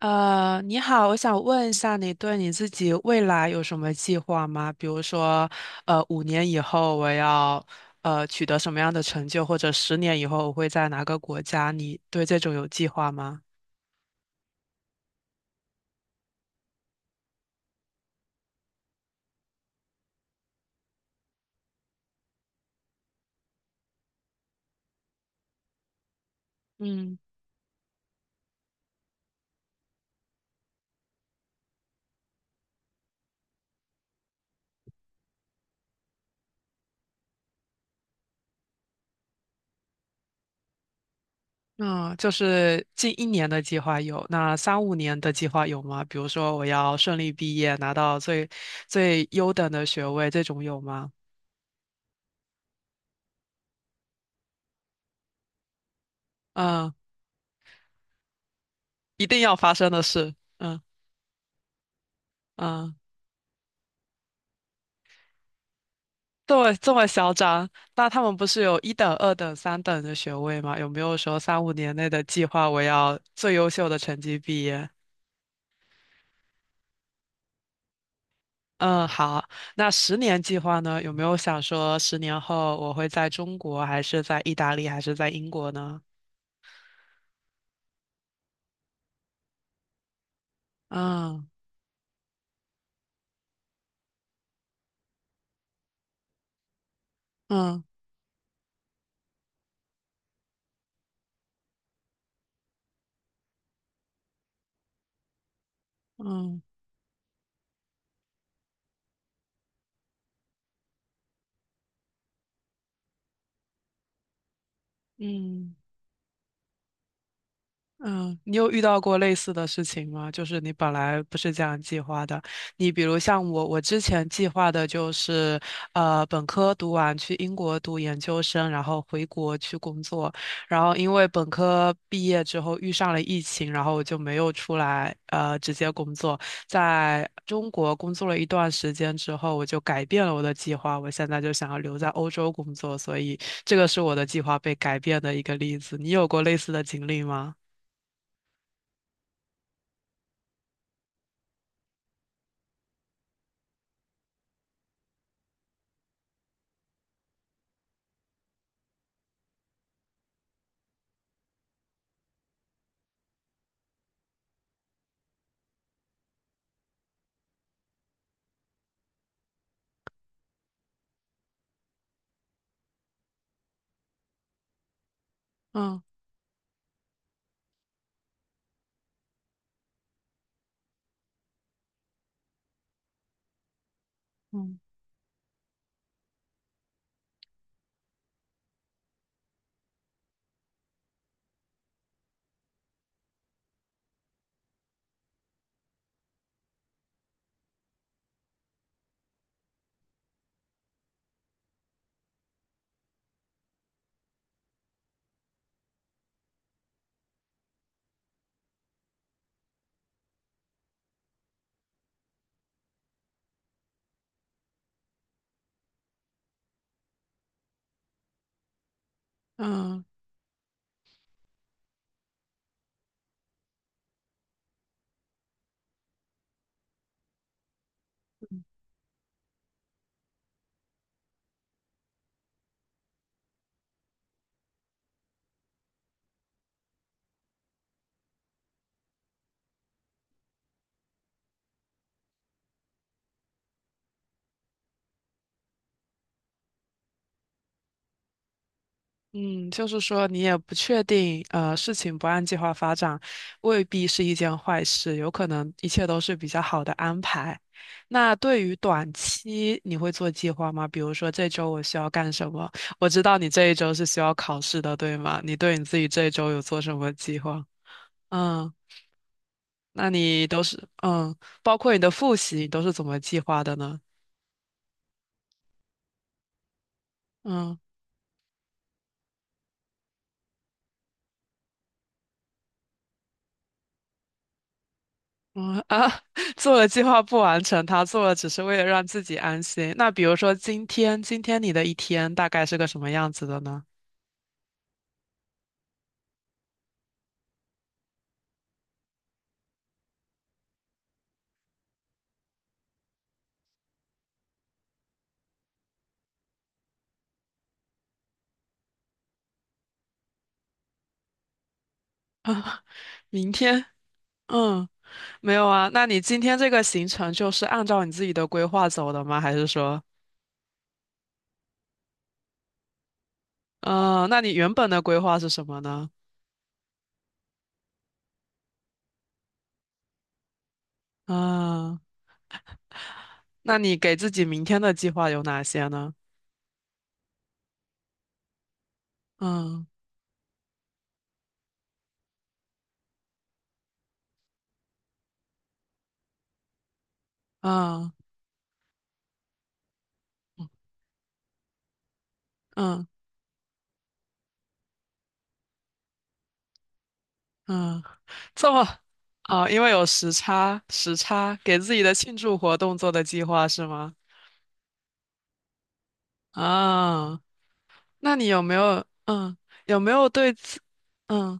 你好，我想问一下，你对你自己未来有什么计划吗？比如说，五年以后我要取得什么样的成就，或者十年以后我会在哪个国家？你对这种有计划吗？嗯，那就是近一年的计划有，那三五年的计划有吗？比如说我要顺利毕业，拿到最优等的学位，这种有吗？嗯，一定要发生的事。嗯嗯。对，这么嚣张？那他们不是有一等、二等、三等的学位吗？有没有说三五年内的计划，我要最优秀的成绩毕业？嗯，好。那十年计划呢？有没有想说10年后我会在中国，还是在意大利，还是在英国呢？嗯嗯嗯嗯。嗯，你有遇到过类似的事情吗？就是你本来不是这样计划的，你比如像我，我之前计划的就是，本科读完去英国读研究生，然后回国去工作，然后因为本科毕业之后遇上了疫情，然后我就没有出来，直接工作，在中国工作了一段时间之后，我就改变了我的计划，我现在就想要留在欧洲工作，所以这个是我的计划被改变的一个例子。你有过类似的经历吗？嗯嗯嗯嗯，就是说你也不确定，事情不按计划发展，未必是一件坏事，有可能一切都是比较好的安排。那对于短期，你会做计划吗？比如说这周我需要干什么？我知道你这一周是需要考试的，对吗？你对你自己这一周有做什么计划？嗯，那你都是嗯，包括你的复习，你都是怎么计划的呢？嗯。嗯啊，做了计划不完成，他做了只是为了让自己安心。那比如说今天，今天你的一天大概是个什么样子的呢？啊，明天，嗯，没有啊。那你今天这个行程就是按照你自己的规划走的吗？还是说，嗯，那你原本的规划是什么呢？嗯，那你给自己明天的计划有哪些呢？嗯嗯嗯。嗯，这么啊，因为有时差，时差给自己的庆祝活动做的计划是吗？啊，那你有没有嗯有没有对自嗯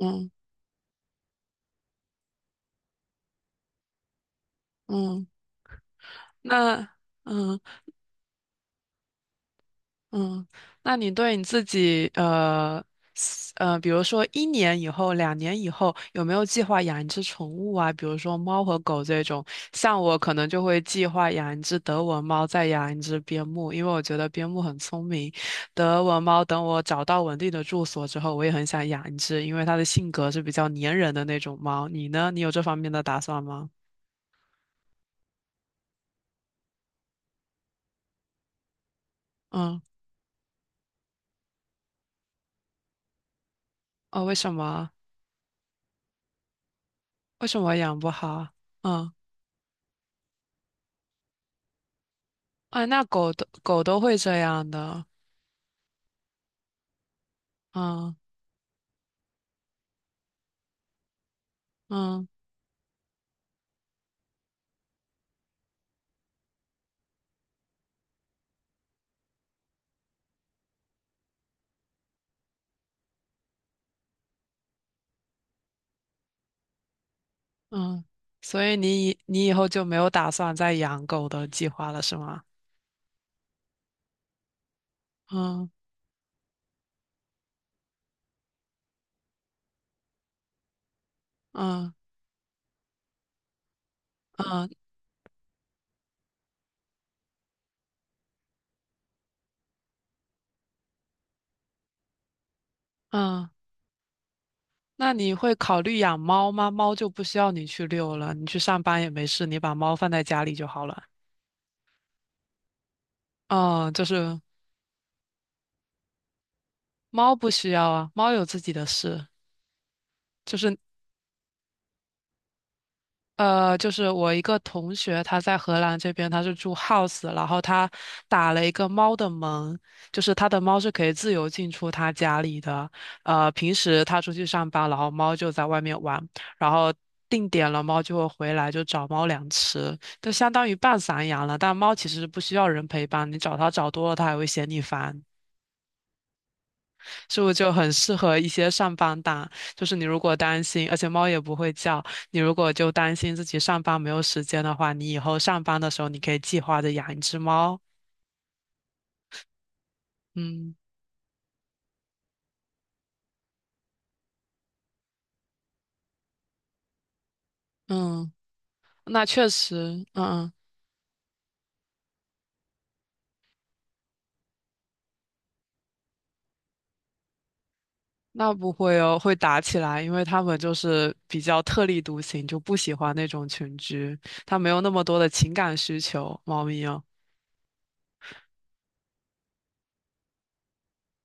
嗯嗯那嗯嗯，那你对你自己，比如说一年以后、2年以后，有没有计划养一只宠物啊？比如说猫和狗这种，像我可能就会计划养一只德文猫，再养一只边牧，因为我觉得边牧很聪明。德文猫等我找到稳定的住所之后，我也很想养一只，因为它的性格是比较粘人的那种猫。你呢？你有这方面的打算吗？嗯，哦，为什么？为什么养不好？嗯，啊，那狗都会这样的。嗯嗯嗯，所以你以后就没有打算再养狗的计划了，是吗？嗯嗯嗯嗯，那你会考虑养猫吗？猫就不需要你去遛了，你去上班也没事，你把猫放在家里就好了。嗯，就是猫不需要啊，猫有自己的事，就是就是我一个同学，他在荷兰这边，他是住 house，然后他打了一个猫的门，就是他的猫是可以自由进出他家里的。平时他出去上班，然后猫就在外面玩，然后定点了，猫就会回来就找猫粮吃，就相当于半散养了。但猫其实不需要人陪伴，你找它找多了，它还会嫌你烦。是不是就很适合一些上班党？就是你如果担心，而且猫也不会叫，你如果就担心自己上班没有时间的话，你以后上班的时候你可以计划着养一只猫。嗯嗯，那确实，嗯嗯，那不会哦，会打起来，因为它们就是比较特立独行，就不喜欢那种群居，它没有那么多的情感需求，猫咪哦。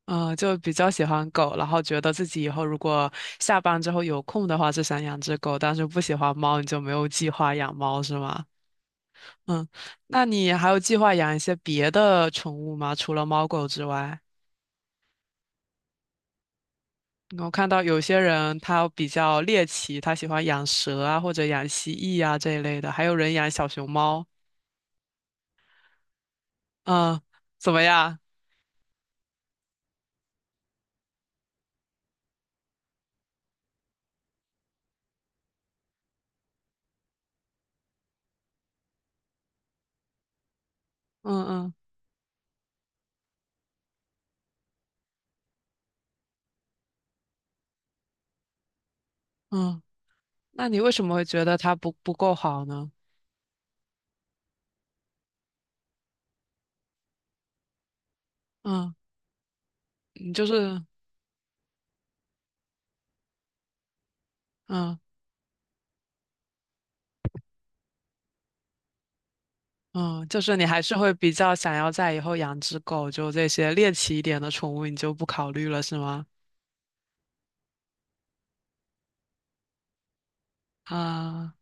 嗯，就比较喜欢狗，然后觉得自己以后如果下班之后有空的话，就想养只狗，但是不喜欢猫，你就没有计划养猫是吗？嗯，那你还有计划养一些别的宠物吗？除了猫狗之外，我看到有些人他比较猎奇，他喜欢养蛇啊，或者养蜥蜴啊这一类的，还有人养小熊猫。嗯，怎么样？嗯嗯嗯，那你为什么会觉得它不够好呢？嗯，你就是嗯。嗯，就是你还是会比较想要在以后养只狗，就这些猎奇一点的宠物，你就不考虑了，是吗？啊，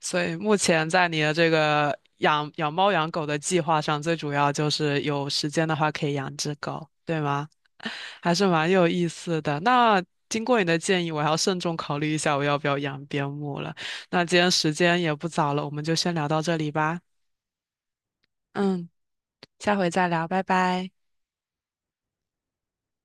所以目前在你的这个养猫养狗的计划上，最主要就是有时间的话可以养只狗，对吗？还是蛮有意思的。那经过你的建议，我要慎重考虑一下我要不要养边牧了。那今天时间也不早了，我们就先聊到这里吧。嗯，下回再聊，拜拜。